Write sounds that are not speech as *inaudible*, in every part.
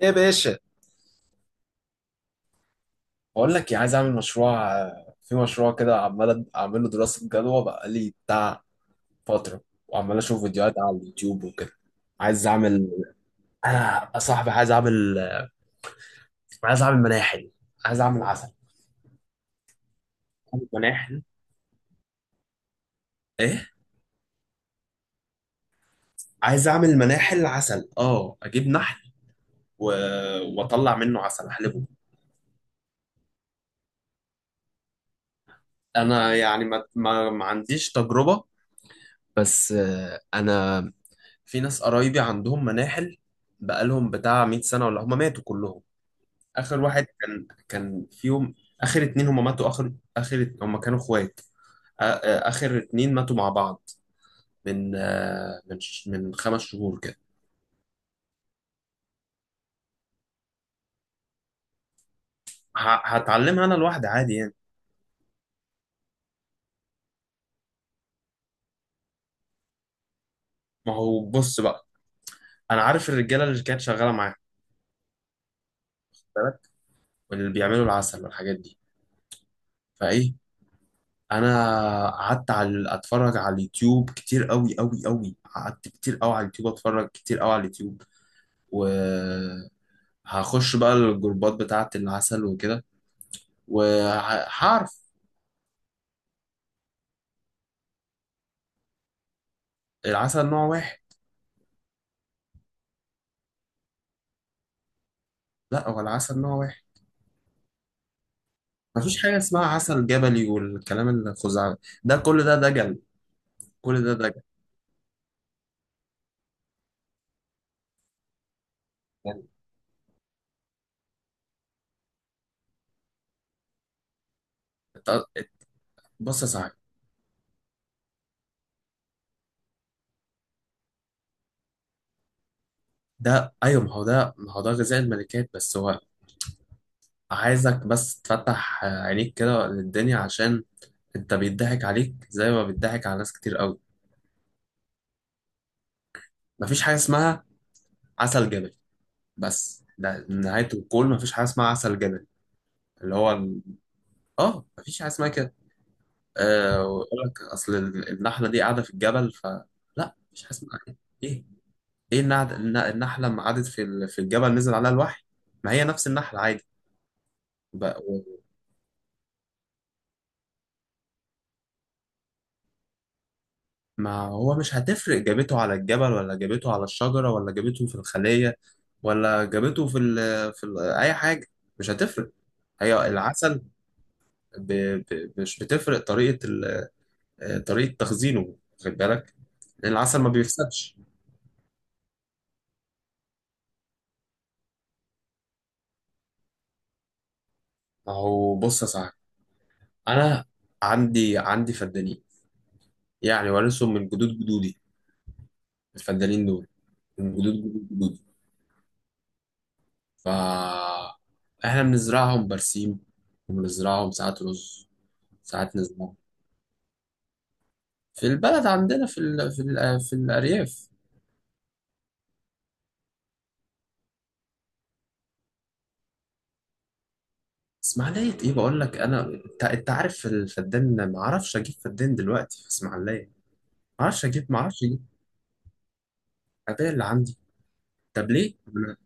ايه يا باشا، بقول لك إيه، عايز اعمل مشروع في مشروع كده عمال اعمل له دراسه جدوى بقى لي بتاع فتره، وعمال اشوف فيديوهات على اليوتيوب وكده. عايز اعمل، انا يا صاحبي عايز اعمل، عايز اعمل مناحل، عايز اعمل عسل. عايز مناحل. ايه. عايز اعمل مناحل عسل، اه اجيب نحل و... واطلع منه عسل احلبه. انا يعني ما عنديش تجربه، بس انا في ناس قرايبي عندهم مناحل، بقالهم بتاع 100 سنه ولا هم ماتوا كلهم. اخر واحد كان فيهم، اخر اتنين هما ماتوا. اخر اخر هما كانوا اخوات، اخر اتنين ماتوا مع بعض من من خمس شهور كده. هتعلمها انا لوحدي عادي يعني. ما هو بص بقى، انا عارف الرجاله اللي كانت شغاله معايا. خد بالك؟ واللي بيعملوا العسل والحاجات دي. فايه، انا قعدت على اتفرج على اليوتيوب كتير قوي قوي قوي، قعدت كتير قوي على اليوتيوب اتفرج كتير قوي على اليوتيوب، و هخش بقى الجروبات بتاعة العسل وكده وعارف. العسل نوع واحد. لا، هو العسل نوع واحد، مفيش حاجة اسمها عسل جبلي والكلام الخزعبلي، ده كل ده دجل، كل ده دجل، يعني. ت- بص يا صاحبي، ده ايوه، ما هو ده غذاء الملكات بس. هو عايزك بس تفتح عينيك كده للدنيا، عشان انت بيضحك عليك زي ما بيضحك على ناس كتير قوي. مفيش حاجة اسمها عسل جبلي بس، ده نهاية الكون مفيش حاجة اسمها عسل جبلي. اللي هو ال- اه مفيش حاجة اسمها كده. آه، ويقول لك اصل النحله دي قاعده في الجبل، ف لا مش حاسس بحاجة. ايه، ايه النحله لما قعدت في الجبل نزل عليها الوحي؟ ما هي نفس النحله عادي. ب- و- ما هو مش هتفرق جابته على الجبل ولا جابته على الشجره ولا جابته في الخليه ولا جابته في ال، في ال اي حاجه، مش هتفرق. هي العسل ب... مش بتفرق طريقه طريقه تخزينه. خد بالك، العسل ما بيفسدش. ما هو بص يا صاحبي، انا عندي فدانين، يعني وارثهم من جدود جدودي. الفدانين دول من جدود جدود جدودي، ف احنا بنزرعهم برسيم، وبنزرعهم ساعات رز، ساعات نزرعهم. في البلد عندنا في في الارياف. اسماعيليه ايه، بقول لك انا، انت عارف الفدان، ما اعرفش اجيب فدان دلوقتي في اسماعيليه، ما اعرفش اجيب، ما اعرفش اجيب. الاداه اللي عندي. طب ليه،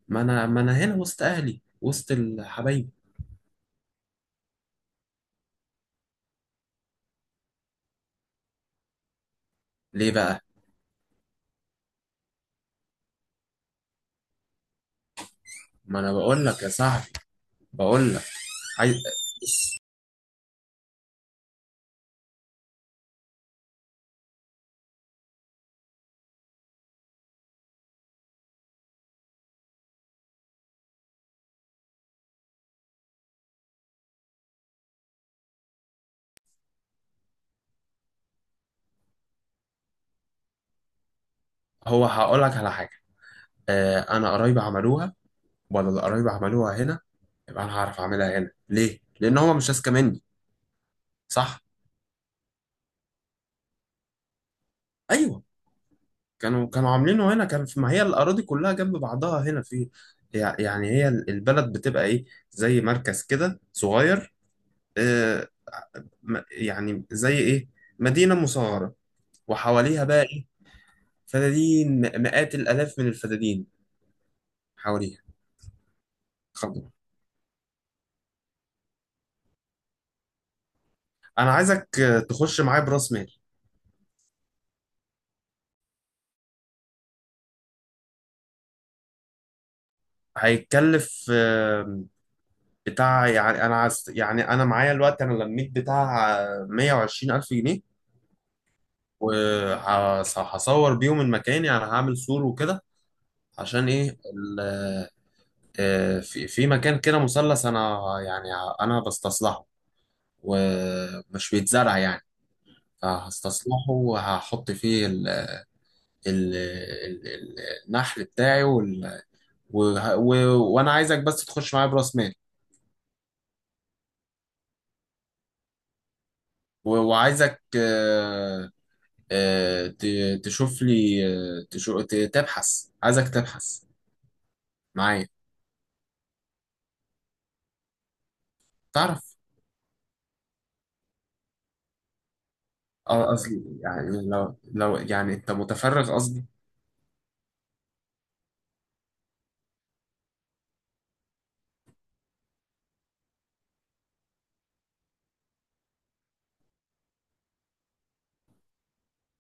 ما أنا هنا وسط اهلي وسط الحبايب. ليه بقى؟ ما انا بقول لك يا صاحبي، بقول عايز. هو هقول لك على حاجه، آه انا قرايبي عملوها، ولا اللي قرايبي عملوها هنا، يبقى انا هعرف اعملها هنا. ليه؟ لان هما مش اذكى مني. صح. ايوه. كانوا عاملينه هنا، كان في، ما هي الاراضي كلها جنب بعضها هنا في. يعني هي البلد بتبقى ايه، زي مركز كده صغير. آه، يعني زي ايه، مدينه مصغره. وحواليها بقى ايه؟ فدادين، مئات الالاف من الفدادين حواليها. خلاص. انا عايزك، تخش معايا براس مال. هيتكلف، بتاع، يعني انا عايز، يعني انا معايا الوقت، انا لميت بتاع 120 الف جنيه، وهصور بيهم المكان، يعني هعمل سور وكده عشان ايه في في مكان كده مثلث انا، يعني انا بستصلحه ومش بيتزرع يعني، فهستصلحه وهحط فيه ال النحل بتاعي وانا عايزك بس تخش معايا براس مال. وعايزك، تشوف لي، تبحث، عايزك تبحث معايا، تعرف. اه قصدي يعني لو يعني انت متفرغ قصدي.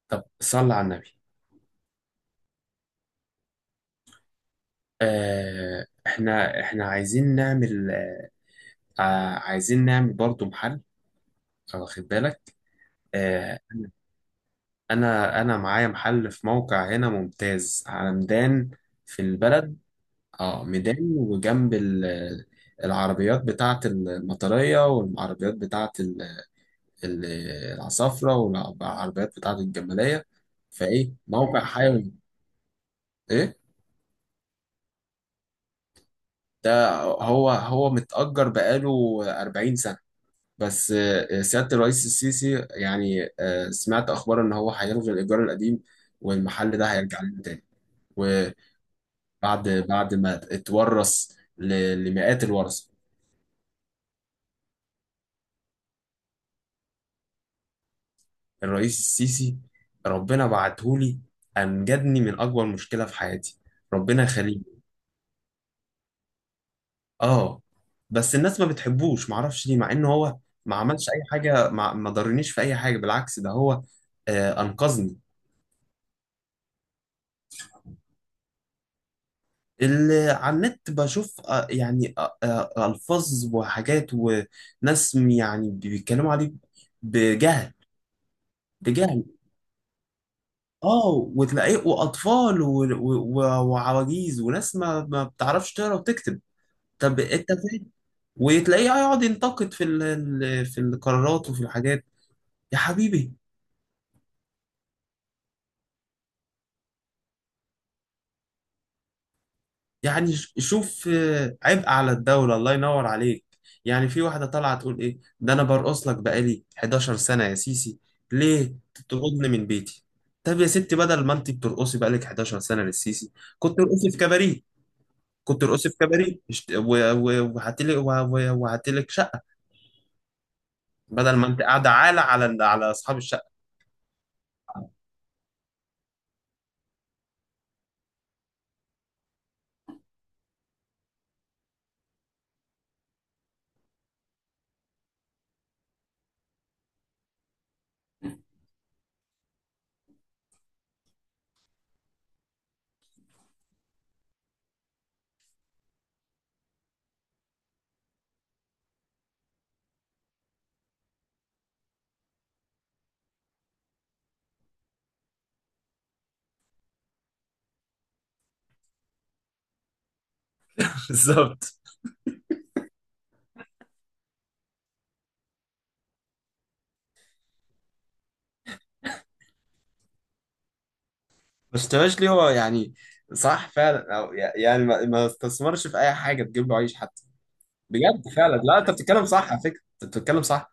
طب صل على النبي. آه احنا عايزين نعمل، آه عايزين نعمل برضو محل، واخد بالك. آه انا معايا محل في موقع هنا ممتاز، على ميدان في البلد. اه ميدان، وجنب العربيات بتاعت المطرية، والعربيات بتاعت ال- العصافرة، والعربيات بتاعة الجمالية. فإيه، موقع حيوي. إيه، ده هو هو متأجر بقاله 40 سنة. بس سيادة الرئيس السيسي يعني، سمعت أخبار إن هو هيلغي الإيجار القديم والمحل ده هيرجع لنا تاني، وبعد، بعد ما اتورث لمئات الورثة. الرئيس السيسي ربنا بعتهولي، أنجدني من أكبر مشكلة في حياتي. ربنا يخليه. اه، بس الناس ما بتحبوش، معرفش ليه، مع ان هو ما عملش اي حاجه، ما ضرنيش في اي حاجه، بالعكس ده هو آه انقذني. اللي على النت بشوف آه يعني آه آه الفاظ وحاجات وناس يعني بيتكلموا عليه بجهل، بجهل. اه وتلاقيه واطفال وعواجيز وناس ما بتعرفش تقرا وتكتب. طب انت فين؟ وتلاقيه يقعد ينتقد في في القرارات وفي الحاجات. يا حبيبي، يعني شوف، عبء على الدولة، الله ينور عليك. يعني في واحدة طالعة تقول إيه ده، أنا برقص لك بقالي 11 سنة يا سيسي ليه تطردني من بيتي. طب يا ستي، بدل ما أنت بترقصي بقالك 11 سنة للسيسي، كنت ارقصي في كباريه. كنت ارقصي في كباريه، وهاتلك، وهاتلك شقة، بدل ما أنت قاعدة عالة على على أصحاب الشقة. *laughs* بالظبط. ما اشتراش ليه هو يعني، صح فعلا، أو يعني ما استثمرش في أي حاجة تجيب له عيش. بجد فعلا، لا انت بتتكلم صح، على فكره انت بتتكلم صح.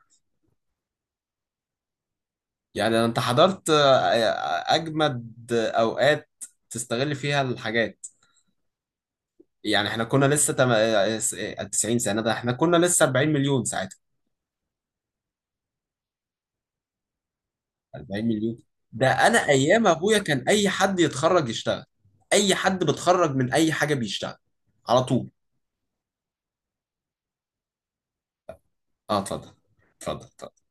يعني انت حضرت، اجمد اوقات تستغل فيها الحاجات. يعني احنا كنا لسه تم... آه، س- آه، 90 سنه ده احنا كنا لسه 40 مليون ساعتها. 40 مليون، ده انا ايام ابويا كان اي حد يتخرج يشتغل، اي حد بتخرج من اي حاجه بيشتغل. على طول. اه اتفضل. اتفضل اتفضل.